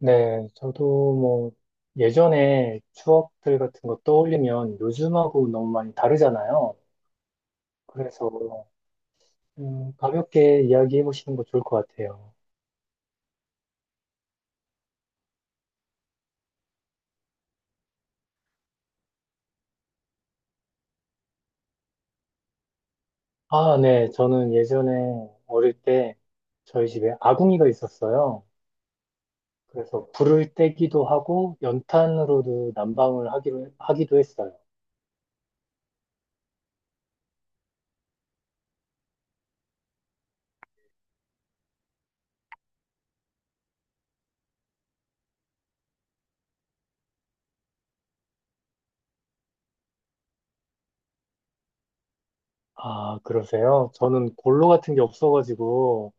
네, 저도 뭐 예전에 추억들 같은 거 떠올리면 요즘하고 너무 많이 다르잖아요. 그래서 가볍게 이야기해 보시는 거 좋을 것 같아요. 아, 네, 저는 예전에 어릴 때 저희 집에 아궁이가 있었어요. 그래서 불을 떼기도 하고 연탄으로도 난방을 하기로, 하기도 했어요. 아, 그러세요? 저는 골로 같은 게 없어가지고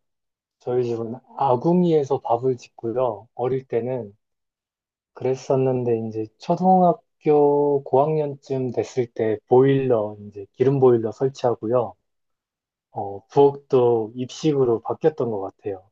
저희 집은 아궁이에서 밥을 짓고요. 어릴 때는 그랬었는데 이제 초등학교 고학년쯤 됐을 때 보일러 이제 기름 보일러 설치하고요. 부엌도 입식으로 바뀌었던 것 같아요.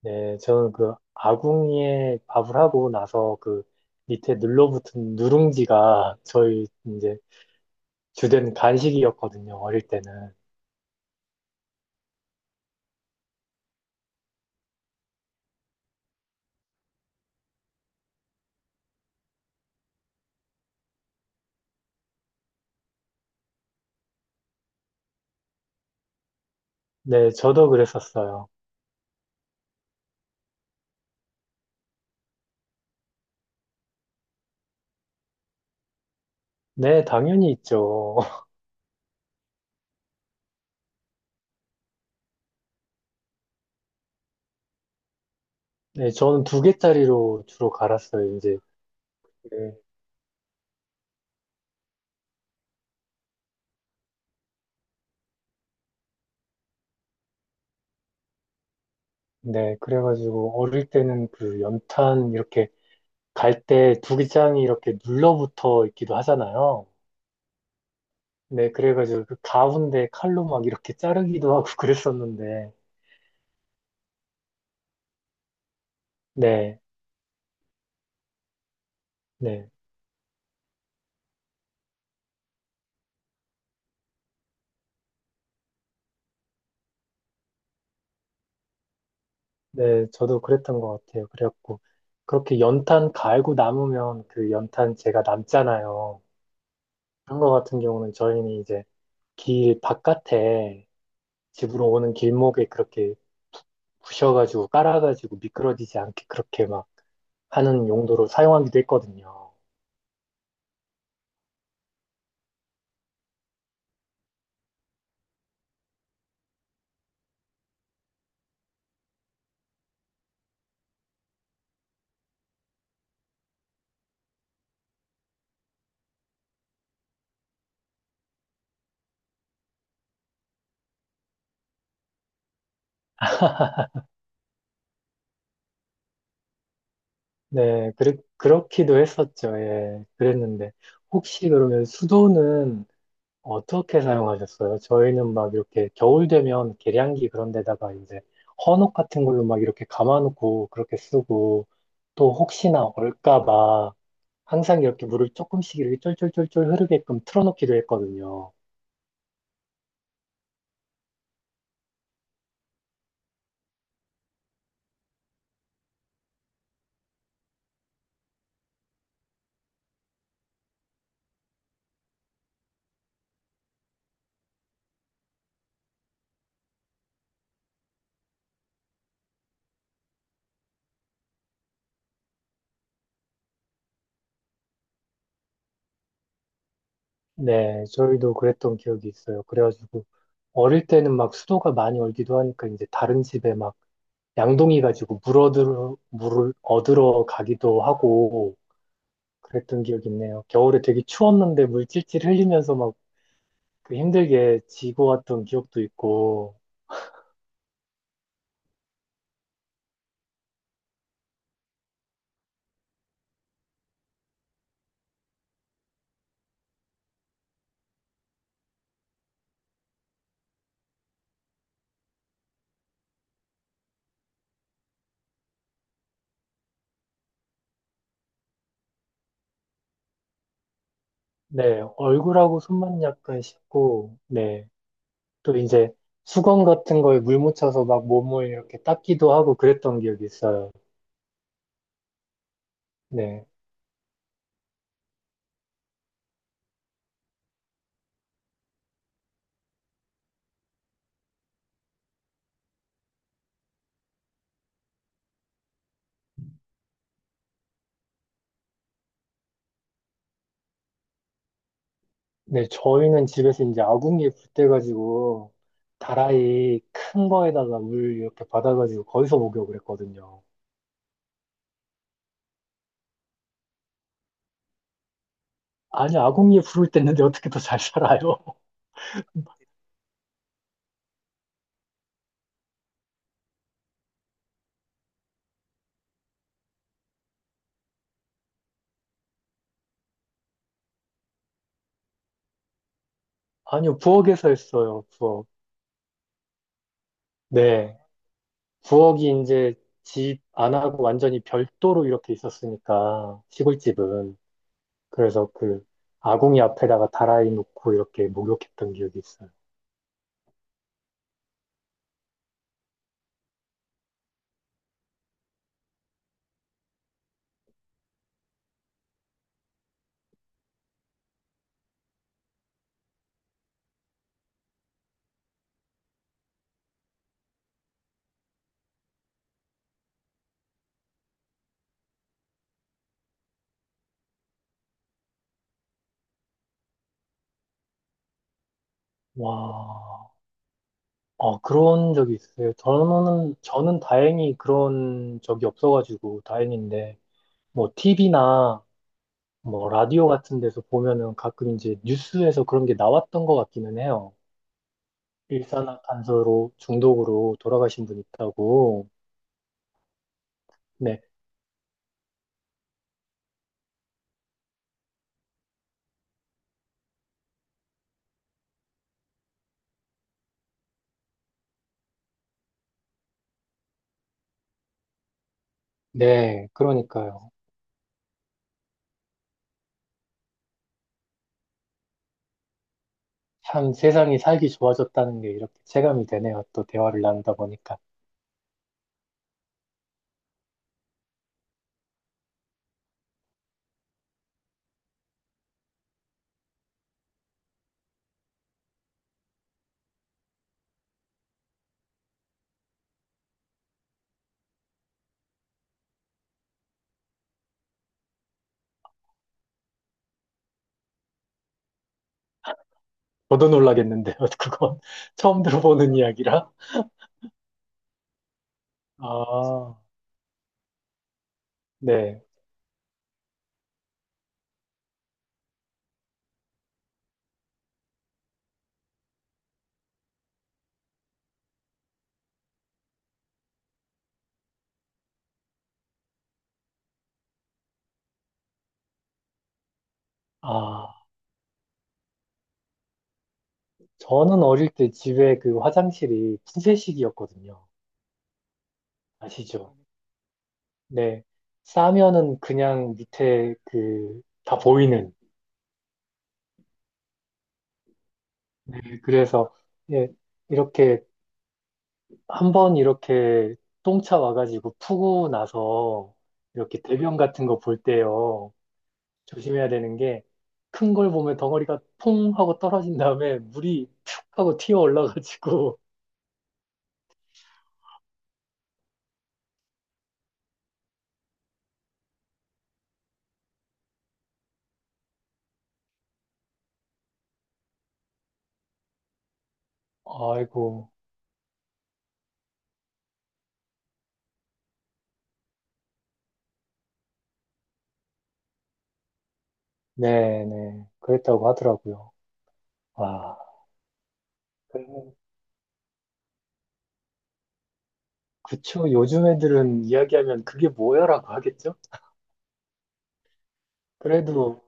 네, 저는 그 아궁이에 밥을 하고 나서 그 밑에 눌러붙은 누룽지가 저희 이제 주된 간식이었거든요. 어릴 때는. 네, 저도 그랬었어요. 네, 당연히 있죠. 네, 저는 두 개짜리로 주로 갈았어요. 이제 네, 그래가지고 어릴 때는 그 연탄 이렇게 갈 때 두기장이 이렇게 눌러붙어 있기도 하잖아요. 네, 그래가지고 그 가운데 칼로 막 이렇게 자르기도 하고 그랬었는데, 네, 네, 네, 저도 그랬던 것 같아요. 그래갖고 그렇게 연탄 갈고 남으면 그 연탄 제가 남잖아요. 그런 거 같은 경우는 저희는 이제 길 바깥에 집으로 오는 길목에 그렇게 부셔가지고 깔아가지고 미끄러지지 않게 그렇게 막 하는 용도로 사용하기도 했거든요. 네, 그렇기도 했었죠. 예, 그랬는데 혹시 그러면 수도는 어떻게 사용하셨어요? 저희는 막 이렇게 겨울 되면 계량기 그런 데다가 이제 헌옷 같은 걸로 막 이렇게 감아놓고 그렇게 쓰고 또 혹시나 얼까 봐 항상 이렇게 물을 조금씩 이렇게 쫄쫄쫄쫄 흐르게끔 틀어놓기도 했거든요. 네, 저희도 그랬던 기억이 있어요. 그래가지고 어릴 때는 막 수도가 많이 얼기도 하니까 이제 다른 집에 막 양동이 가지고 물 얻으러, 물을 얻으러 가기도 하고 그랬던 기억이 있네요. 겨울에 되게 추웠는데 물 찔찔 흘리면서 막 그 힘들게 지고 왔던 기억도 있고, 네, 얼굴하고 손만 약간 씻고, 네, 또 이제 수건 같은 거에 물 묻혀서 막 몸을 이렇게 닦기도 하고 그랬던 기억이 있어요. 네, 네, 저희는 집에서 이제 아궁이에 불 때가지고 다라이 큰 거에다가 물 이렇게 받아가지고 거기서 목욕을 했거든요. 아니, 아궁이에 불을 뗐는데 어떻게 더 잘 살아요? 아니요, 부엌에서 했어요, 부엌. 네. 부엌이 이제 집 안 하고 완전히 별도로 이렇게 있었으니까, 시골집은. 그래서 그 아궁이 앞에다가 다라이 놓고 이렇게 목욕했던 기억이 있어요. 와, 그런 적이 있어요. 저는 다행히 그런 적이 없어가지고 다행인데, 뭐, TV나 뭐, 라디오 같은 데서 보면은 가끔 이제 뉴스에서 그런 게 나왔던 것 같기는 해요. 일산화탄소로 중독으로 돌아가신 분 있다고. 네, 네, 그러니까요. 참 세상이 살기 좋아졌다는 게 이렇게 체감이 되네요. 또 대화를 나누다 보니까. 저도 놀라겠는데요. 그건 처음 들어보는 이야기라. 아, 네. 아, 저는 어릴 때 집에 그 화장실이 푸세식이었거든요. 아시죠? 네. 싸면은 그냥 밑에 그 다 보이는. 네, 그래서 예, 이렇게 한 번 이렇게 똥차 와가지고 푸고 나서 이렇게 대변 같은 거 볼 때요. 조심해야 되는 게 큰 걸 보면 덩어리가 퐁 하고 떨어진 다음에 물이 툭 하고 튀어 올라가지고 아이고 네네 그랬다고 하더라고요. 와 그러면 그쵸 요즘 애들은 이야기하면 그게 뭐야라고 하겠죠? 그래도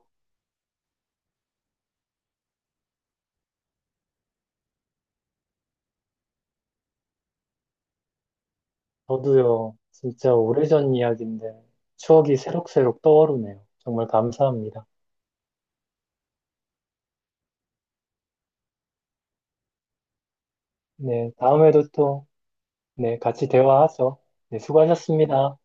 저도요 진짜 오래전 이야기인데 추억이 새록새록 떠오르네요. 정말 감사합니다. 네, 다음에도 또 네, 같이 대화하죠. 네, 수고하셨습니다.